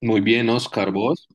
Muy bien, Oscar, vos.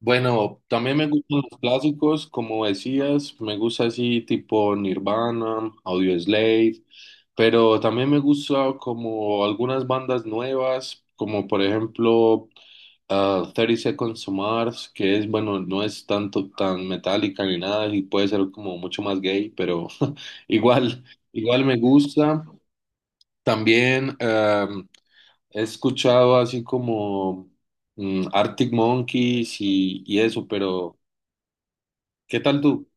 Bueno, también me gustan los clásicos, como decías, me gusta así tipo Nirvana, Audioslave, pero también me gusta como algunas bandas nuevas, como por ejemplo 30 Seconds to Mars, que es, bueno, no es tanto tan metálica ni nada, y puede ser como mucho más gay, pero igual, igual me gusta. También he escuchado así como Arctic Monkeys y eso, pero ¿qué tal tú?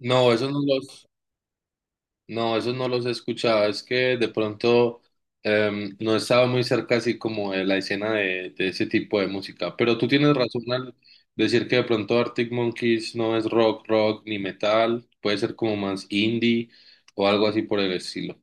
No, esos no los, no, esos no los he escuchado. Es que de pronto no he estado muy cerca así como de la escena de ese tipo de música. Pero tú tienes razón al decir que de pronto Arctic Monkeys no es rock, rock ni metal. Puede ser como más indie o algo así por el estilo.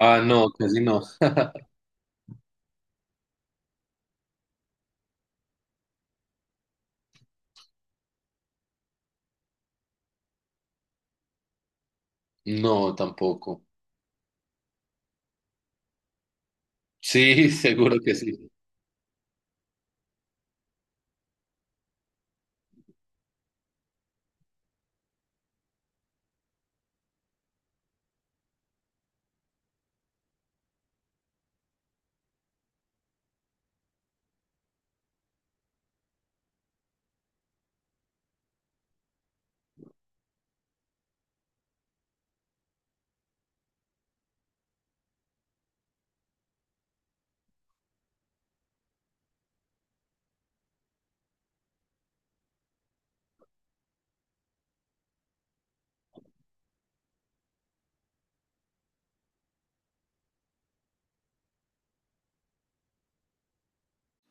Ah, no, casi no. No, tampoco. Sí, seguro que sí.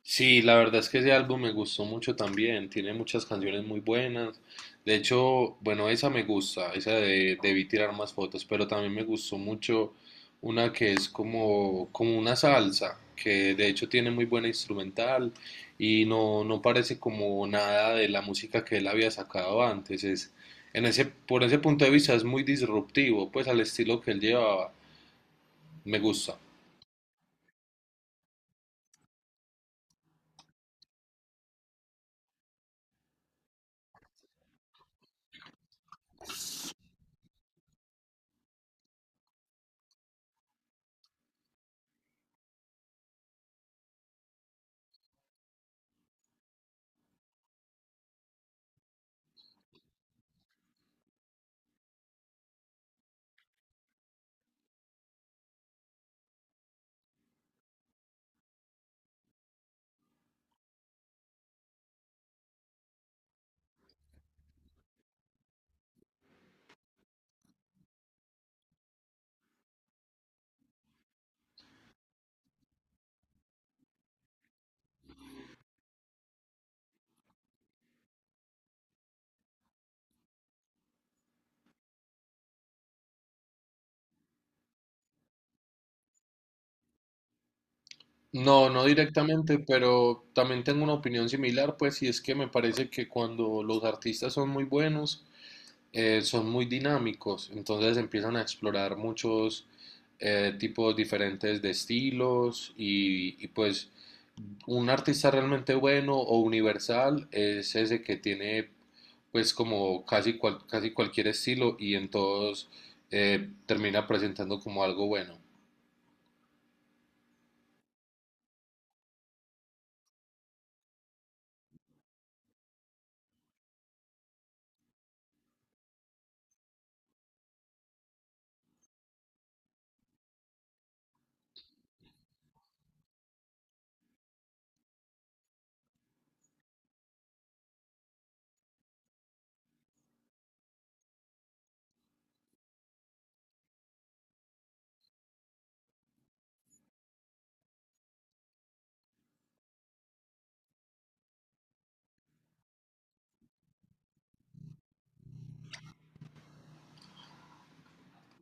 Sí, la verdad es que ese álbum me gustó mucho también. Tiene muchas canciones muy buenas. De hecho, bueno, esa me gusta, esa de Debí Tirar Más Fotos, pero también me gustó mucho una que es como, como una salsa, que de hecho tiene muy buena instrumental y no, no parece como nada de la música que él había sacado antes. Es, en ese, por ese punto de vista es muy disruptivo, pues al estilo que él llevaba. Me gusta. No, no directamente, pero también tengo una opinión similar, pues, y es que me parece que cuando los artistas son muy buenos, son muy dinámicos, entonces empiezan a explorar muchos tipos diferentes de estilos y pues un artista realmente bueno o universal es ese que tiene pues como casi, casi cualquier estilo y en todos termina presentando como algo bueno.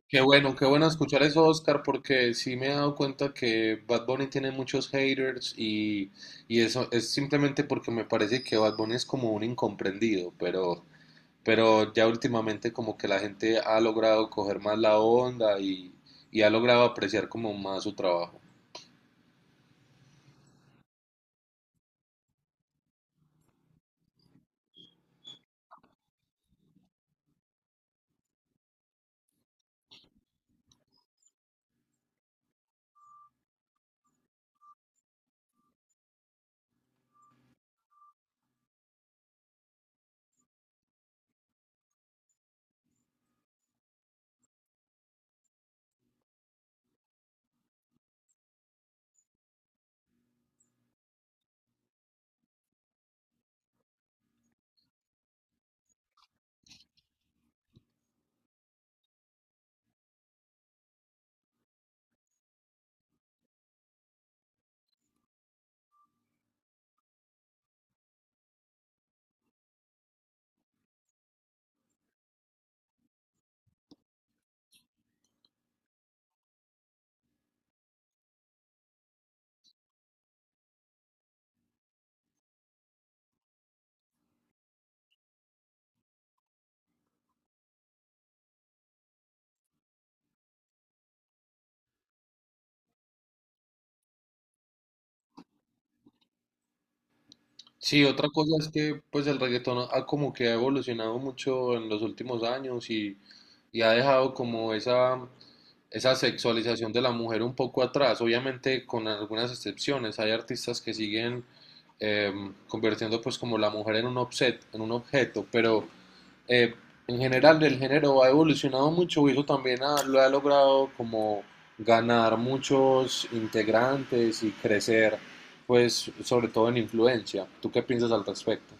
Qué bueno, qué bueno escuchar eso, Oscar, porque sí me he dado cuenta que Bad Bunny tiene muchos haters y eso es simplemente porque me parece que Bad Bunny es como un incomprendido, pero ya últimamente como que la gente ha logrado coger más la onda y ha logrado apreciar como más su trabajo. Sí, otra cosa es que pues el reggaetón ha como que ha evolucionado mucho en los últimos años y ha dejado como esa sexualización de la mujer un poco atrás, obviamente con algunas excepciones. Hay artistas que siguen convirtiendo pues como la mujer en un objeto, pero eh, en general el género ha evolucionado mucho y eso también lo ha logrado como ganar muchos integrantes y crecer, pues sobre todo en influencia. ¿Tú qué piensas al respecto?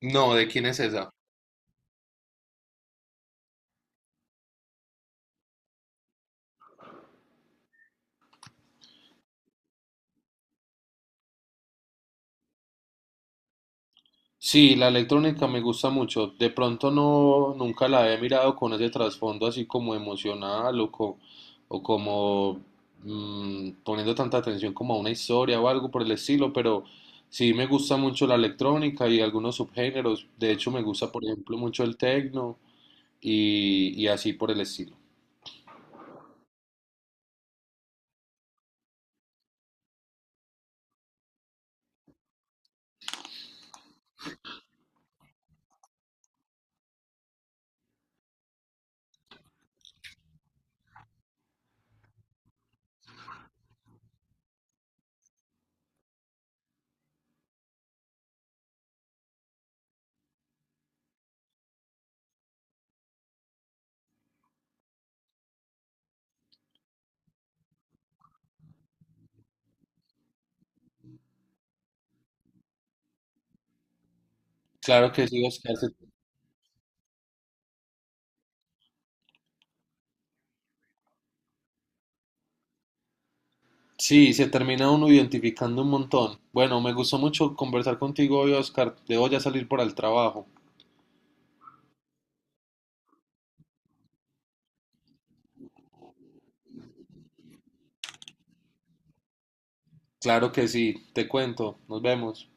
No, ¿de quién es esa? Sí, la electrónica me gusta mucho. De pronto no, nunca la he mirado con ese trasfondo así como emocional o, o como poniendo tanta atención como a una historia o algo por el estilo, pero sí me gusta mucho la electrónica y algunos subgéneros. De hecho, me gusta, por ejemplo, mucho el techno y así por el estilo. Claro que sí, Oscar. Sí, se termina uno identificando un montón. Bueno, me gustó mucho conversar contigo hoy, Oscar. Debo ya salir para el trabajo. Claro que sí, te cuento, nos vemos.